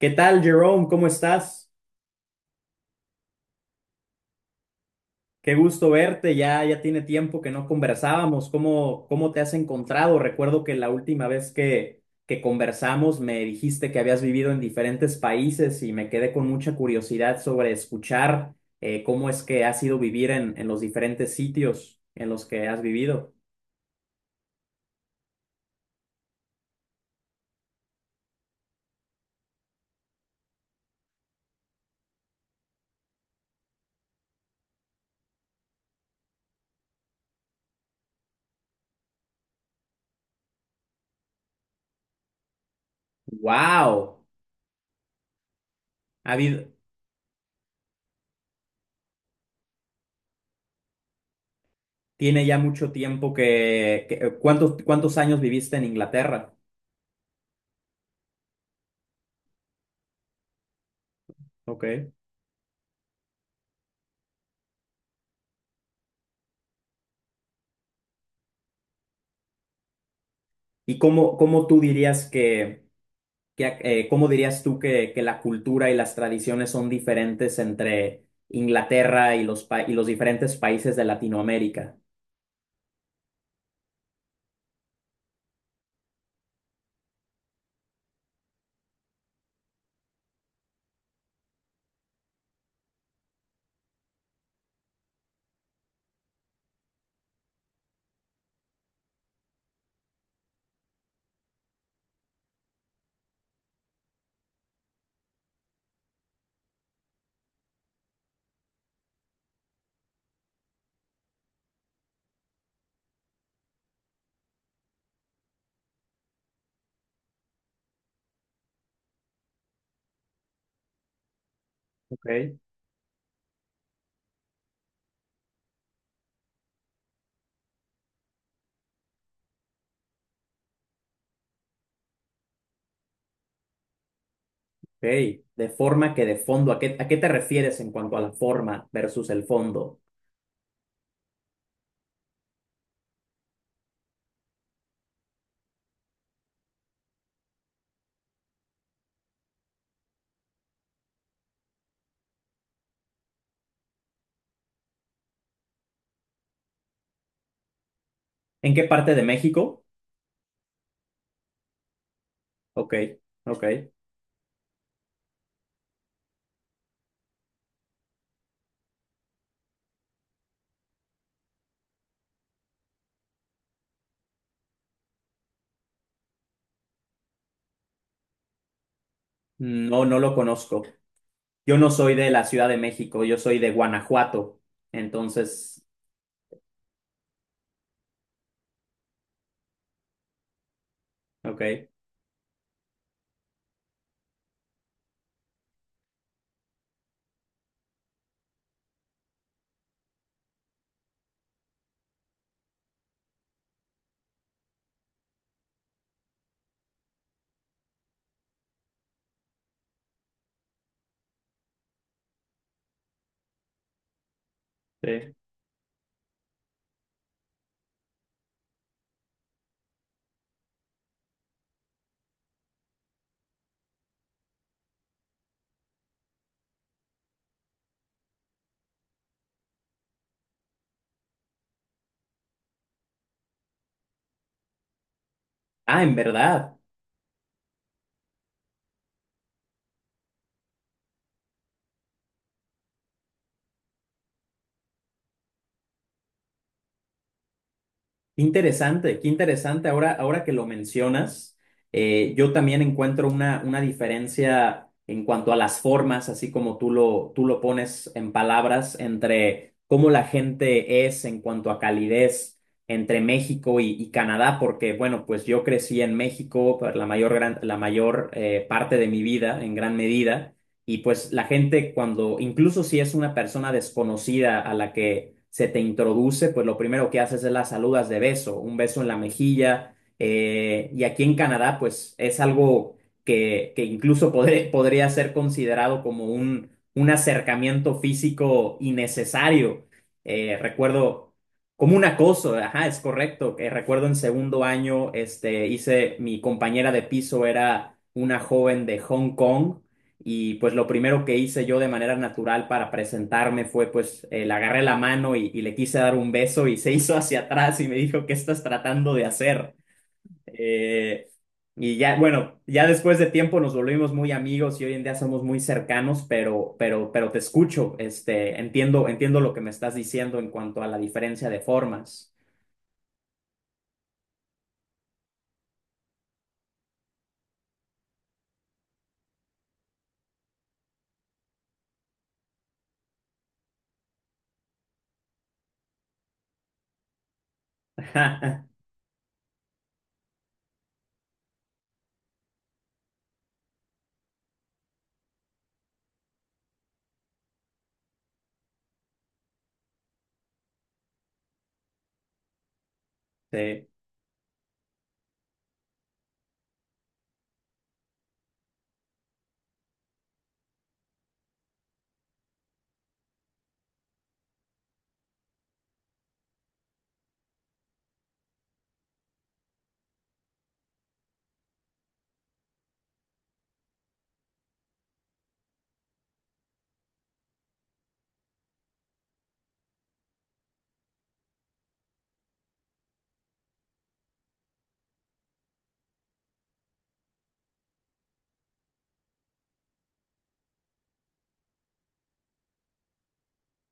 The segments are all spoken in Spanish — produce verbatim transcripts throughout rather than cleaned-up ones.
¿Qué tal, Jerome? ¿Cómo estás? Qué gusto verte. Ya, ya tiene tiempo que no conversábamos. ¿Cómo, cómo te has encontrado? Recuerdo que la última vez que, que conversamos me dijiste que habías vivido en diferentes países y me quedé con mucha curiosidad sobre escuchar eh, cómo es que has ido vivir en, en los diferentes sitios en los que has vivido. ¡Wow! Ha habido, tiene ya mucho tiempo que, que- ¿cuántos, cuántos años viviste en Inglaterra? Ok. ¿Y cómo, cómo tú dirías que ¿Qué- eh, ¿cómo dirías tú que, que la cultura y las tradiciones son diferentes entre Inglaterra y los, pa- y los diferentes países de Latinoamérica? Ok. Ok, de forma que de fondo, ¿a qué, a qué te refieres en cuanto a la forma versus el fondo? ¿En qué parte de México? Ok, ok. No, no lo conozco. Yo no soy de la Ciudad de México, yo soy de Guanajuato. Entonces, ok. Sí. Ah, en verdad. Qué interesante, qué interesante. Ahora, ahora que lo mencionas, eh, yo también encuentro una, una diferencia en cuanto a las formas, así como tú lo, tú lo pones en palabras, entre cómo la gente es en cuanto a calidez entre México y, y Canadá, porque bueno, pues yo crecí en México por la mayor, gran- la mayor eh, parte de mi vida, en gran medida. Y pues la gente cuando, incluso si es una persona desconocida a la que se te introduce, pues lo primero que haces es las saludas de beso, un beso en la mejilla. Eh, y aquí en Canadá, pues es algo que, que incluso podré- podría ser considerado como un, un acercamiento físico innecesario. Eh, recuerdo como un acoso, ajá, es correcto. Eh, recuerdo en segundo año, este, hice, mi compañera de piso era una joven de Hong Kong y pues lo primero que hice yo de manera natural para presentarme fue pues eh, le agarré la mano y, y le quise dar un beso y se hizo hacia atrás y me dijo, ¿qué estás tratando de hacer? Eh, y ya, bueno, ya después de tiempo nos volvimos muy amigos y hoy en día somos muy cercanos, pero, pero, pero te escucho, este, entiendo, entiendo lo que me estás diciendo en cuanto a la diferencia de formas. Sí,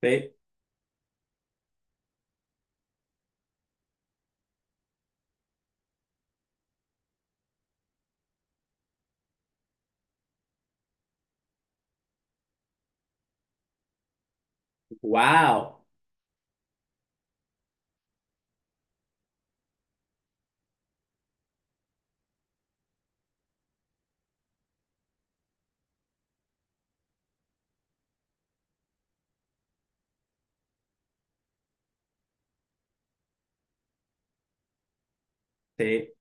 sí, wow, sí,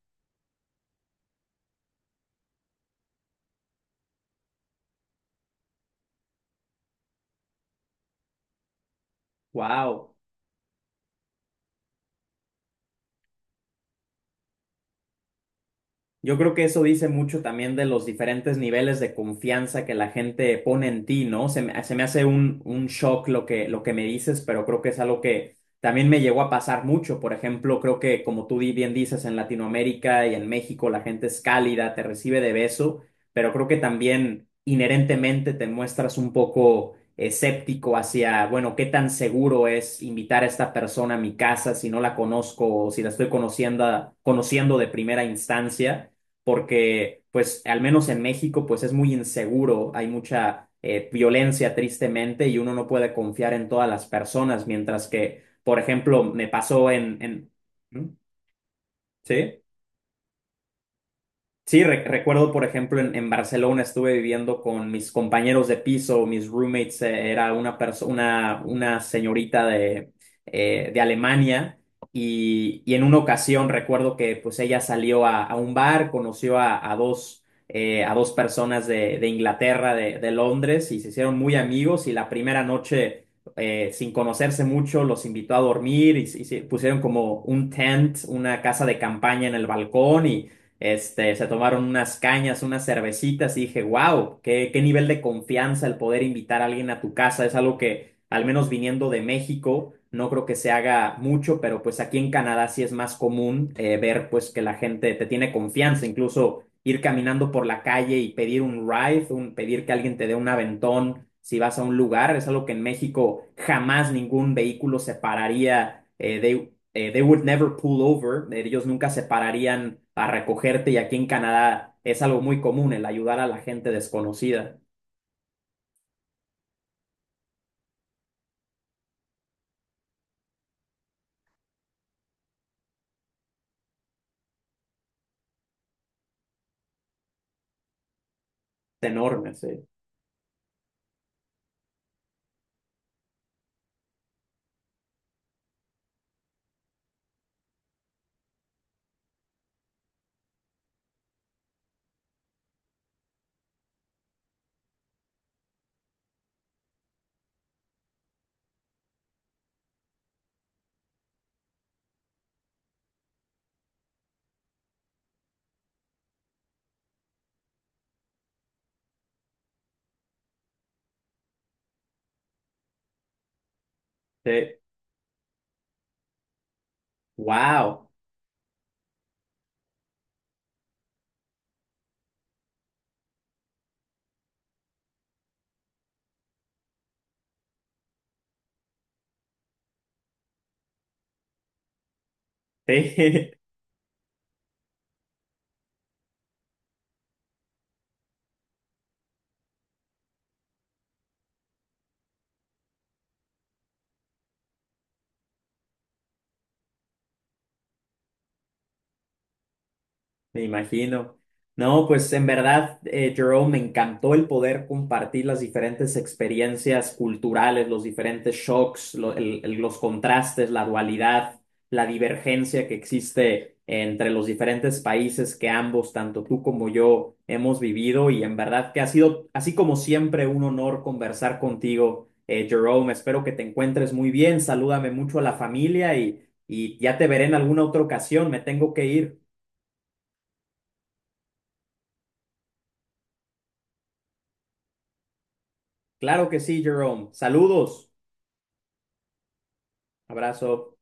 wow. Yo creo que eso dice mucho también de los diferentes niveles de confianza que la gente pone en ti, ¿no? Se me, se me hace un, un shock lo que, lo que me dices, pero creo que es algo que también me llegó a pasar mucho. Por ejemplo, creo que como tú di- bien dices, en Latinoamérica y en México la gente es cálida, te recibe de beso, pero creo que también inherentemente te muestras un poco escéptico hacia, bueno, qué tan seguro es invitar a esta persona a mi casa si no la conozco o si la estoy conociendo, conociendo de primera instancia porque pues al menos en México pues es muy inseguro, hay mucha eh, violencia tristemente y uno no puede confiar en todas las personas, mientras que, por ejemplo, me pasó en... en... ¿Mm? ¿Sí? Sí, re- recuerdo, por ejemplo, en, en Barcelona estuve viviendo con mis compañeros de piso, mis roommates, eh, era una persona, una señorita de, eh, de Alemania y, y en una ocasión recuerdo que pues ella salió a, a un bar, conoció a, a dos, eh, a dos personas de, de Inglaterra, de, de Londres y se hicieron muy amigos y la primera noche, eh, sin conocerse mucho, los invitó a dormir y, se- y se pusieron como un tent, una casa de campaña en el balcón y este, se tomaron unas cañas, unas cervecitas y dije, wow, qué, qué nivel de confianza el poder invitar a alguien a tu casa. Es algo que, al menos viniendo de México, no creo que se haga mucho, pero pues aquí en Canadá sí es más común eh, ver pues que la gente te tiene confianza, incluso ir caminando por la calle y pedir un ride, un, pedir que alguien te dé un aventón si vas a un lugar. Es algo que en México jamás ningún vehículo se pararía eh, de, eh, they would never pull over, eh, ellos nunca se pararían a recogerte y aquí en Canadá es algo muy común el ayudar a la gente desconocida. Es enorme, sí. Sí. Wow. Sí. Me imagino. No, pues en verdad, eh, Jerome, me encantó el poder compartir las diferentes experiencias culturales, los diferentes shocks, lo- el- el- los contrastes, la dualidad, la divergencia que existe entre los diferentes países que ambos, tanto tú como yo, hemos vivido. Y en verdad que ha sido, así como siempre, un honor conversar contigo, eh, Jerome. Espero que te encuentres muy bien. Salúdame mucho a la familia y, y ya te veré en alguna otra ocasión. Me tengo que ir. Claro que sí, Jerome. Saludos. Abrazo.